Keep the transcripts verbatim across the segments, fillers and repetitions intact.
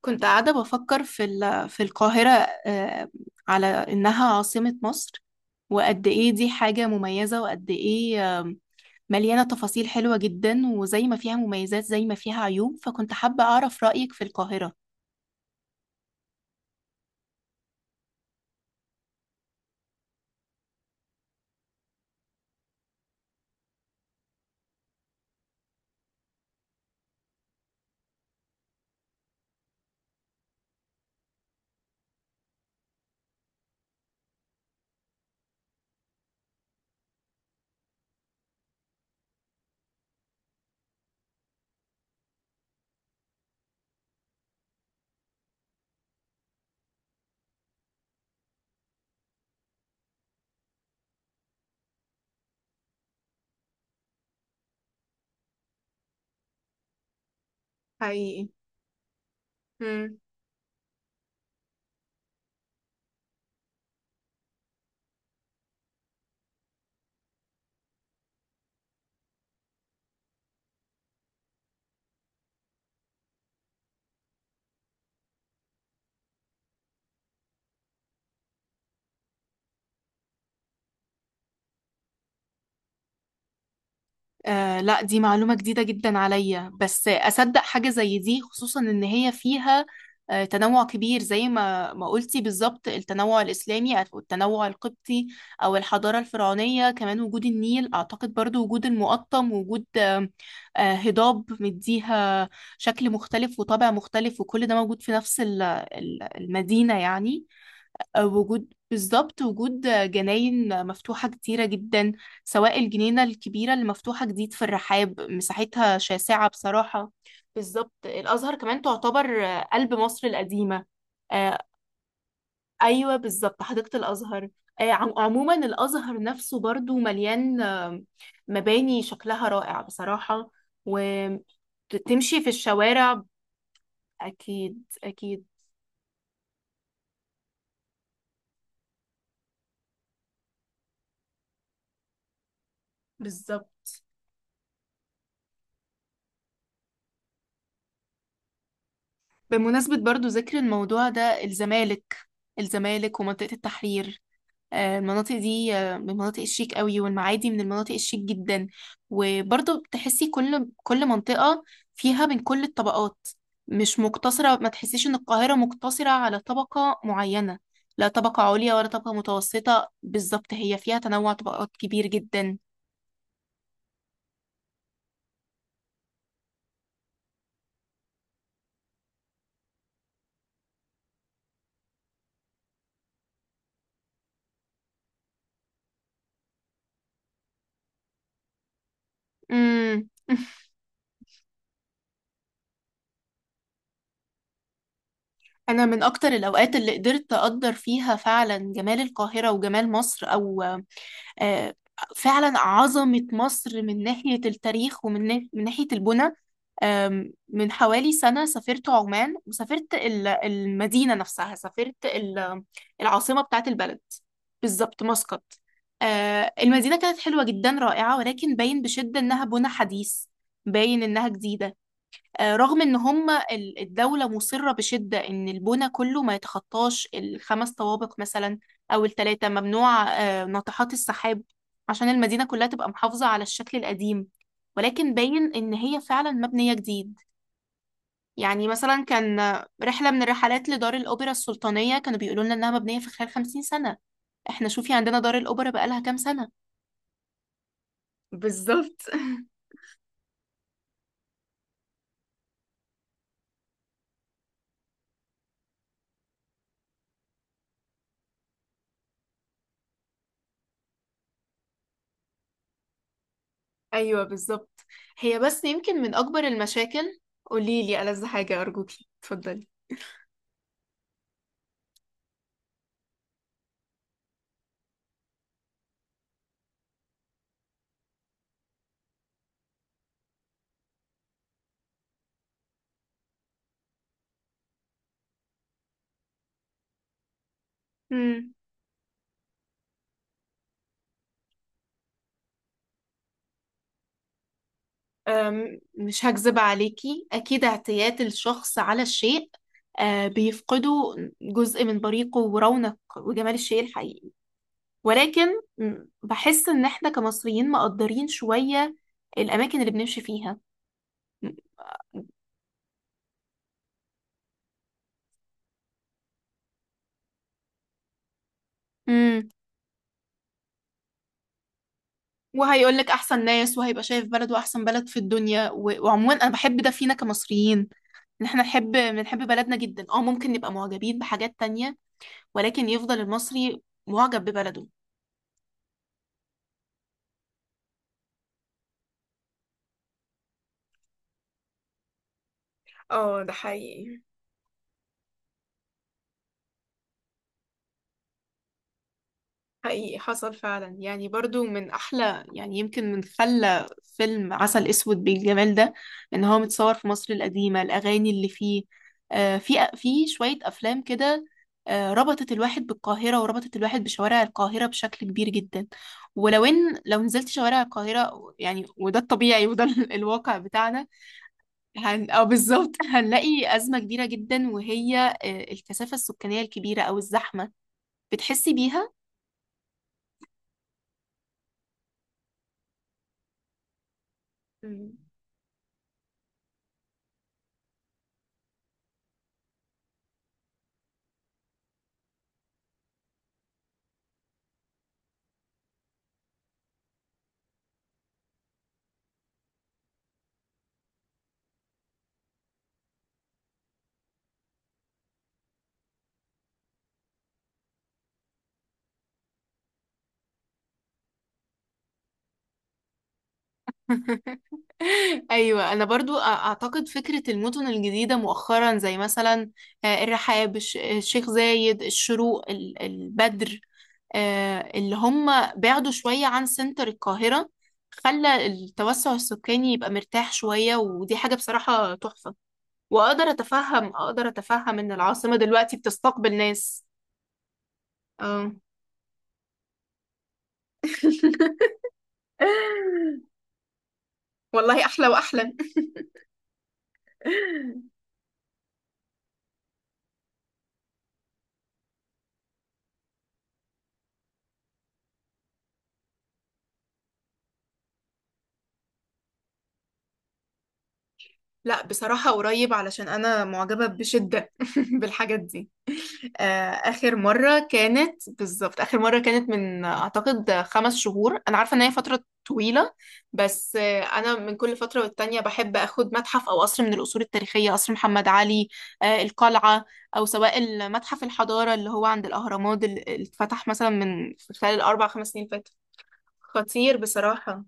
كنت قاعدة بفكر في ال- في القاهرة. آه، على إنها عاصمة مصر، وقد إيه دي حاجة مميزة، وقد إيه آم، مليانة تفاصيل حلوة جدا، وزي ما فيها مميزات زي ما فيها عيوب، فكنت حابة أعرف رأيك في القاهرة. حقيقي. مم. آه، لا، دي معلومة جديدة جدا عليا، بس أصدق حاجة زي دي، خصوصا إن هي فيها آه تنوع كبير زي ما ما قلتي بالظبط، التنوع الإسلامي أو التنوع القبطي أو الحضارة الفرعونية كمان، وجود النيل أعتقد، برضو وجود المقطم، وجود آه آه، هضاب مديها شكل مختلف وطابع مختلف، وكل ده موجود في نفس ال- ال- المدينة يعني. وجود بالظبط وجود جناين مفتوحة كتيرة جدا، سواء الجنينة الكبيرة اللي مفتوحة جديد في الرحاب، مساحتها شاسعة بصراحة. بالظبط، الأزهر كمان تعتبر قلب مصر القديمة. آه، أيوة بالظبط، حديقة الأزهر. آه، عم- عموما الأزهر نفسه برضو مليان آه، مباني شكلها رائع بصراحة، وتمشي في الشوارع. أكيد أكيد، بالظبط. بمناسبة برضو ذكر الموضوع ده، الزمالك الزمالك ومنطقة التحرير، آه، المناطق دي آه، من المناطق الشيك قوي، والمعادي من المناطق الشيك جدا. وبرضو بتحسي كل كل منطقة فيها من كل الطبقات، مش مقتصرة، ما تحسيش ان القاهرة مقتصرة على طبقة معينة، لا طبقة عليا ولا طبقة متوسطة، بالظبط هي فيها تنوع طبقات كبير جدا. مم. انا من اكتر الاوقات اللي قدرت اقدر فيها فعلا جمال القاهره وجمال مصر، او آه، فعلا عظمة مصر من ناحية التاريخ ومن نا- من ناحية البنى، آم، من حوالي سنة سافرت عمان، وسافرت ال- المدينة نفسها، سافرت ال- العاصمة بتاعت البلد. بالظبط، مسقط. آه، المدينة كانت حلوة جدا، رائعة، ولكن باين بشدة إنها بنى حديث، باين إنها جديدة. آه، رغم ان هم ال- الدولة مصرة بشدة ان البنى كله ما يتخطاش الخمس طوابق مثلا، او التلاتة، ممنوع آه، ناطحات السحاب، عشان المدينة كلها تبقى محافظة على الشكل القديم، ولكن باين ان هي فعلا مبنية جديد. يعني مثلا كان آه، رحلة من الرحلات لدار الأوبرا السلطانية، كانوا بيقولوا لنا انها مبنية في خلال خمسين سنة. احنا شوفي عندنا دار الأوبرا بقالها كام سنة. بالظبط ايوه بالظبط، هي بس يمكن من اكبر المشاكل. قوليلي ألذ حاجة، أرجوكي اتفضلي. امم. أم، مش هكذب عليكي، أكيد اعتياد الشخص على الشيء آه، بيفقده جزء من بريقه ورونق وجمال الشيء الحقيقي، ولكن، م، بحس إن إحنا كمصريين مقدرين شوية الأماكن اللي بنمشي فيها. امم. وهيقولك أحسن ناس، وهيبقى شايف بلده أحسن بلد في الدنيا، و- وعموما أنا بحب ده فينا كمصريين، ان احنا نحب، بنحب بلدنا جدا. اه، ممكن نبقى معجبين بحاجات تانية، ولكن يفضل المصري معجب ببلده. اه، ده حقيقي. حقيقي، حصل فعلا يعني، برضو من احلى يعني، يمكن من خلى فيلم عسل اسود بالجمال ده، ان هو متصور في مصر القديمة، الاغاني اللي فيه، آه، في في شوية افلام كده آه، ربطت الواحد بالقاهرة، وربطت الواحد بشوارع القاهرة بشكل كبير جدا. ولو ان لو نزلت شوارع القاهرة يعني، وده الطبيعي، وده ال- الواقع بتاعنا. هن... أو بالظبط هنلاقي أزمة كبيرة جدا، وهي آه، الكثافة السكانية الكبيرة، أو الزحمة، بتحسي بيها؟ مم. أيوة، أنا برضو أ- أعتقد فكرة المدن الجديدة مؤخرا، زي مثلا آه، الرحاب، الش- الشيخ زايد، الشروق، ال- البدر، آه، اللي هم بعدوا شوية عن سنتر القاهرة، خلى التوسع السكاني يبقى مرتاح شوية، ودي حاجة بصراحة تحفة. واقدر اتفهم اقدر اتفهم ان العاصمة دلوقتي بتستقبل ناس. اه والله احلى واحلى لا، بصراحة قريب، علشان انا معجبة بشدة بالحاجات دي. آه، آخر مرة كانت، بالظبط آخر مرة كانت من آه، أعتقد آه، خمس شهور، أنا عارفة إن هي فترة طويلة، بس آه، أنا من كل فترة والتانية بحب أخد متحف أو قصر من القصور التاريخية، قصر محمد علي، آه، القلعة، أو سواء المتحف الحضارة اللي هو عند الأهرامات، اللي اللي اتفتح مثلا من في خلال الأربع خمس سنين فاتوا. خطير بصراحة.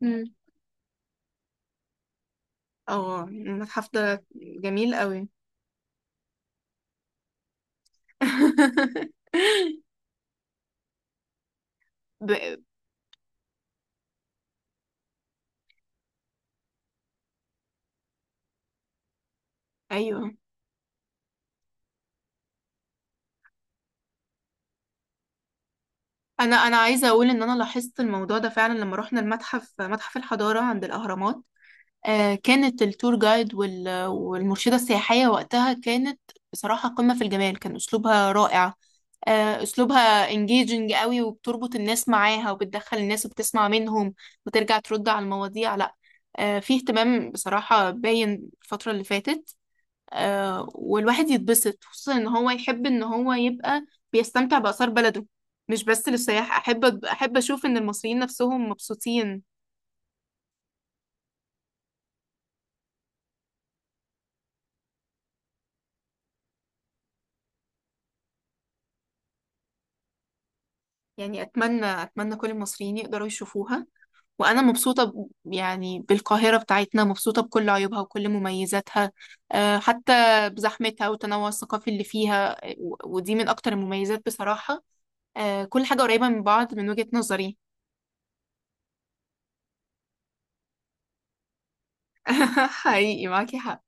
مم. أو المتحف ده. جميل قوي ب... أيوه، انا انا عايزه اقول ان انا لاحظت الموضوع ده فعلا لما رحنا المتحف، متحف الحضاره عند الاهرامات، آه، كانت التور جايد، وال- والمرشده السياحيه وقتها كانت بصراحه قمه في الجمال، كان اسلوبها رائع. آه، اسلوبها انجيجنج قوي، وبتربط الناس معاها، وبتدخل الناس، وبتسمع منهم، وترجع ترد على المواضيع. لا، آه، في اهتمام بصراحه باين الفتره اللي فاتت، آه، والواحد يتبسط، خصوصا ان هو يحب ان هو يبقى بيستمتع بآثار بلده. مش بس للسياح، احب احب اشوف ان المصريين نفسهم مبسوطين. يعني اتمنى اتمنى كل المصريين يقدروا يشوفوها. وانا مبسوطة ب- يعني بالقاهرة بتاعتنا، مبسوطة بكل عيوبها وكل مميزاتها، آه، حتى بزحمتها، والتنوع الثقافي اللي فيها، و- ودي من اكتر المميزات بصراحة. آه، كل حاجة قريبة من بعض من وجهة نظري. حقيقي، معاكي حق.